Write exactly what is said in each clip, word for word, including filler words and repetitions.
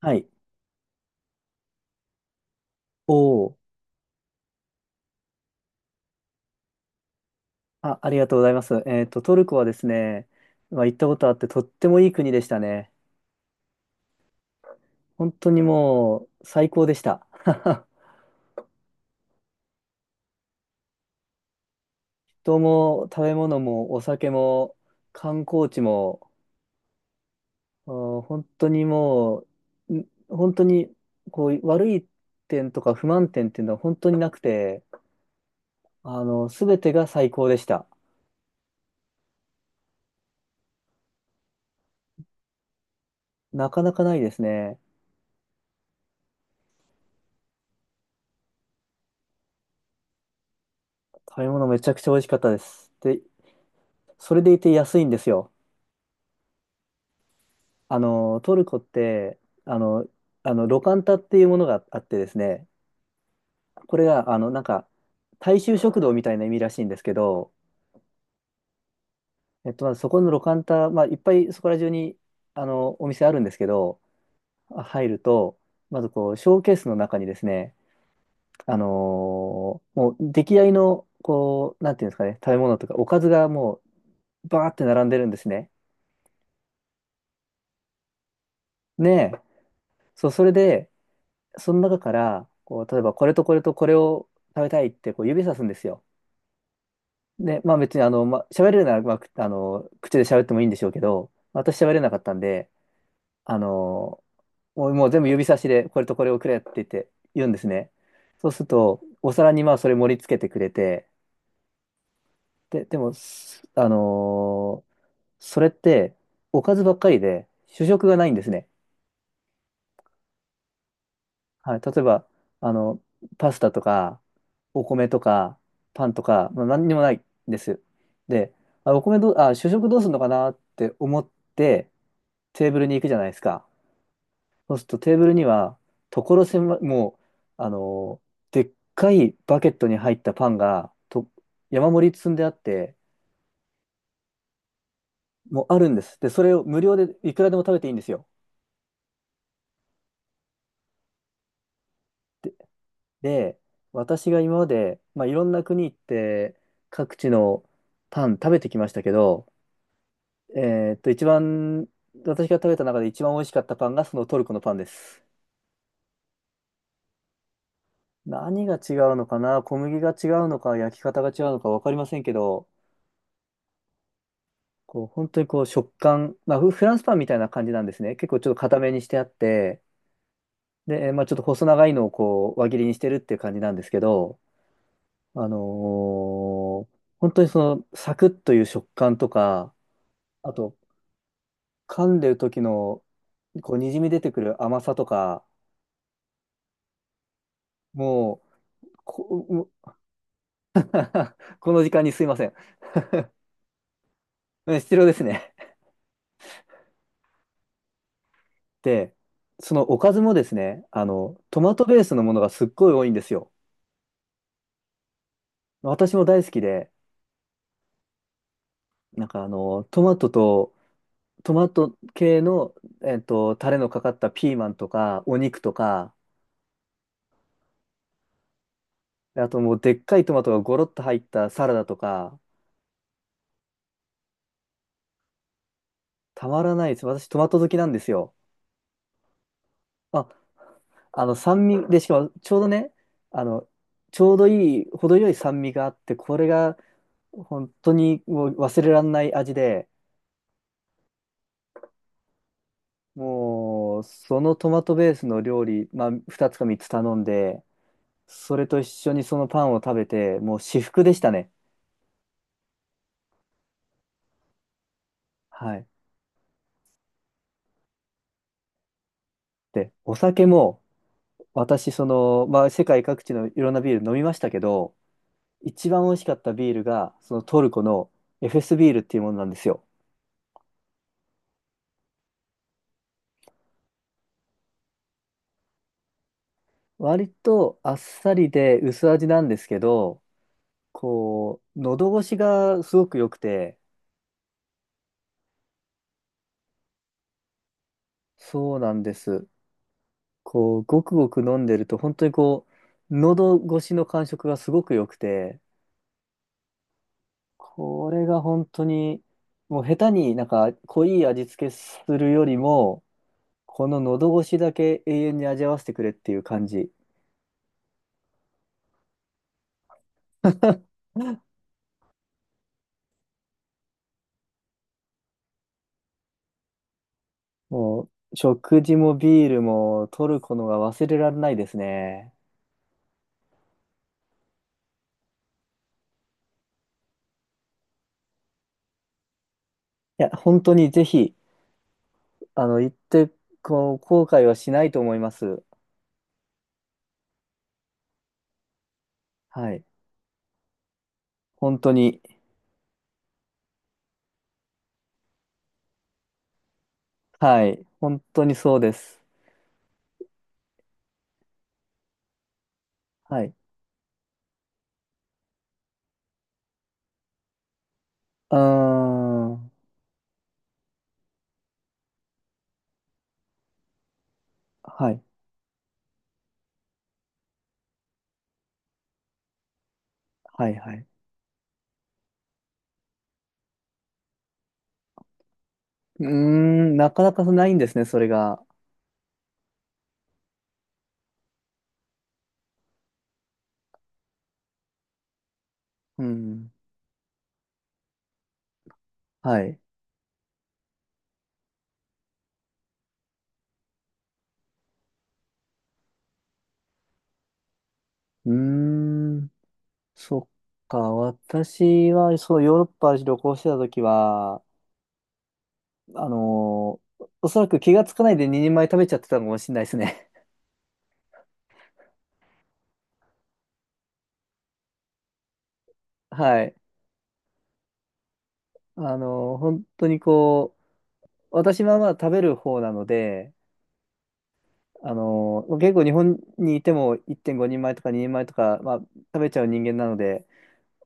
はい。おお。あ、ありがとうございます。えっと、トルコはですね、まあ、行ったことあってとってもいい国でしたね。本当にもう最高でした。人も食べ物もお酒も観光地も、う本当にもう、ん本当にこう悪い点とか不満点っていうのは本当になくて、あの、すべてが最高でした。なかなかないですね。食べ物めちゃくちゃ美味しかったです。で、それでいて安いんですよ。あの、トルコって、あの、あの、ロカンタっていうものがあってですね、これが、あの、なんか、大衆食堂みたいな意味らしいんですけど、えっと、まずそこのロカンタ、まあ、いっぱいそこら中に、あの、お店あるんですけど、あ入ると、まずこう、ショーケースの中にですね、あのーもう、出来合いの、こう、なんていうんですかね、食べ物とか、おかずがもう、バーって並んでるんですね。ねえ、そう、それで、その中から、こう、例えばこれとこれとこれを食べたいってこう指さすんですよ。で、まあ別にあの、まあ、喋れるなら、まあ、くあの、口で喋ってもいいんでしょうけど、私喋れなかったんで、あの、もう、もう全部指差しでこれとこれをくれって言って言うんですね。そうすると、お皿にまあそれ盛り付けてくれて、で、でも、すあのーそれっておかずばっかりで主食がないんですね。はい、例えば、あの、パスタとか、お米とか、パンとか、まあ、何にもないんです。で、あ、お米どう、あ、主食どうするのかなって思って、テーブルに行くじゃないですか。そうするとテーブルには、所狭い、もう、あの、でっかいバケットに入ったパンが、と、山盛り積んであって、もうあるんです。で、それを無料でいくらでも食べていいんですよ。で、私が今まで、まあ、いろんな国行って各地のパン食べてきましたけど、えーっと、一番、私が食べた中で一番美味しかったパンがそのトルコのパンです。何が違うのかな、小麦が違うのか、焼き方が違うのか分かりませんけど、こう本当にこう食感、まあ、フフランスパンみたいな感じなんですね。結構ちょっと固めにしてあって、で、えーまあ、ちょっと細長いのをこう輪切りにしてるっていう感じなんですけど、あのー本当にそのサクッという食感とか、あと、噛んでる時の、こう、にじみ出てくる甘さとか、もう、こ、もう この時間にすいません。うん、必要ですね。で、そのおかずもですね、あの、トマトベースのものがすっごい多いんですよ。私も大好きで、なんかあの、トマトと、トマト系の、えっと、タレのかかったピーマンとか、お肉とか、あともうでっかいトマトがゴロッと入ったサラダとか、たまらないです。私トマト好きなんですよ。あ、あの酸味で、しかもちょうどね、あの、ちょうどいい、程よい酸味があって、これが本当にもう忘れられない味で、もうそのトマトベースの料理、まあ、ふたつかみっつ頼んで、それと一緒にそのパンを食べて、もう至福でしたね。はい。で、お酒も、私、その、まあ、世界各地のいろんなビール飲みましたけど、一番美味しかったビールが、そのトルコのエフェスビールっていうものなんですよ。割とあっさりで薄味なんですけど、こう、喉越しがすごく良くて、そうなんです。こう、ごくごく飲んでると、本当にこう、喉越しの感触がすごく良くて、これが本当に、もう下手になんか濃い味付けするよりも、この喉越しだけ永遠に味わわせてくれっていう感じ。もう、食事もビールも取るこのが忘れられないですね。いや、本当にぜひ、あの、行って、こう、後悔はしないと思います。はい。本当に。はい。本当にそうです。はい。うーん。はい。はい、はい。うーん。なかなかないんですね、それが。うん。はい。うーん。そっか。私は、そう、ヨーロッパ旅行してた時は、あのーおそらく気がつかないでににんまえ食べちゃってたのかもしれないですね。はい。あのー本当にこう、私はまあ食べる方なので、あの結構日本にいてもいってんごにんまえとかににんまえとか、まあ、食べちゃう人間なので、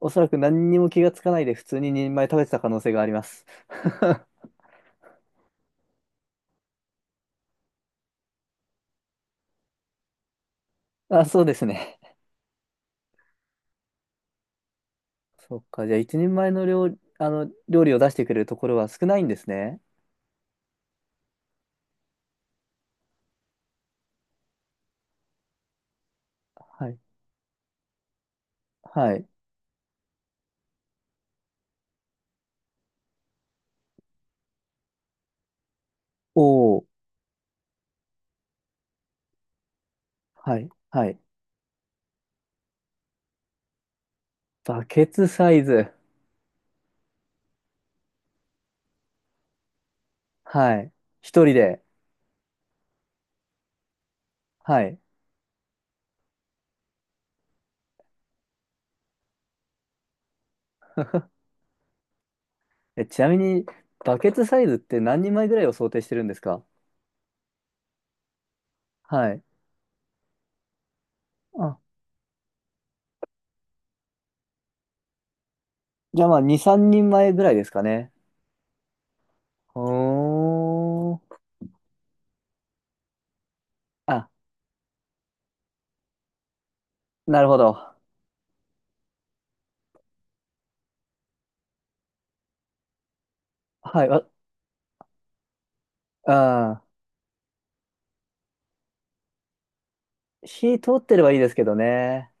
おそらく何にも気がつかないで普通にににんまえ食べてた可能性があります。あ、そうですね。そっか、じゃあいちにんまえの料、あの料理を出してくれるところは少ないんですね。はい。はい。おお、はい。はい。バケツサイズ。はい。一人で。はい。え、ちなみに、バケツサイズって何人前ぐらいを想定してるんですか？はい。あじゃあまあ、に、さんにんまえぐらいですかね。ほーん。あ、なるほど。はい、わ、うん。火通ってればいいですけどね。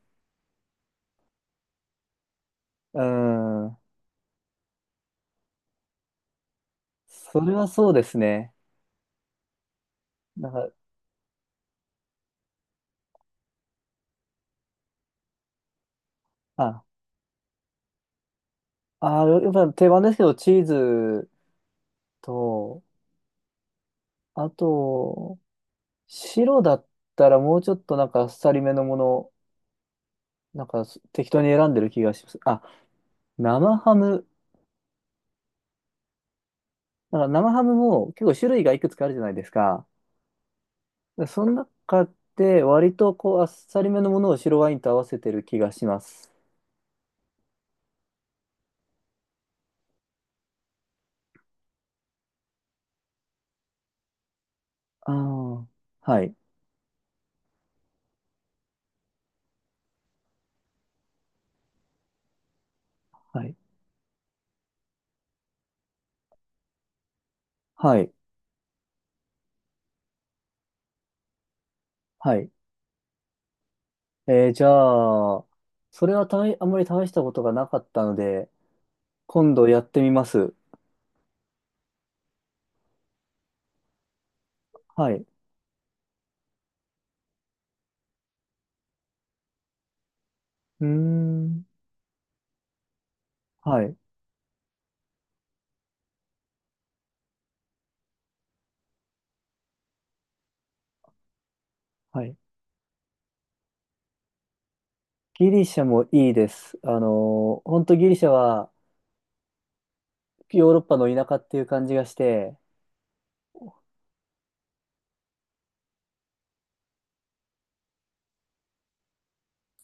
うん。それはそうですね。なんか、あ、あ、やっぱ定番ですけど、チーズと、あと、白だったらもうちょっとなんかあっさりめのもの、なんかす適当に選んでる気がします。あ、生ハム。なんか生ハムも結構種類がいくつかあるじゃないですか。でその中で割とこうあっさりめのものを白ワインと合わせてる気がします。ああ、はい、はい、はい、はい。えーじゃあ、それはたいあんまり試したことがなかったので、今度やってみます。はい。うーん、はい、はい。ギリシャもいいです。あのー、本当ギリシャはヨーロッパの田舎っていう感じがして、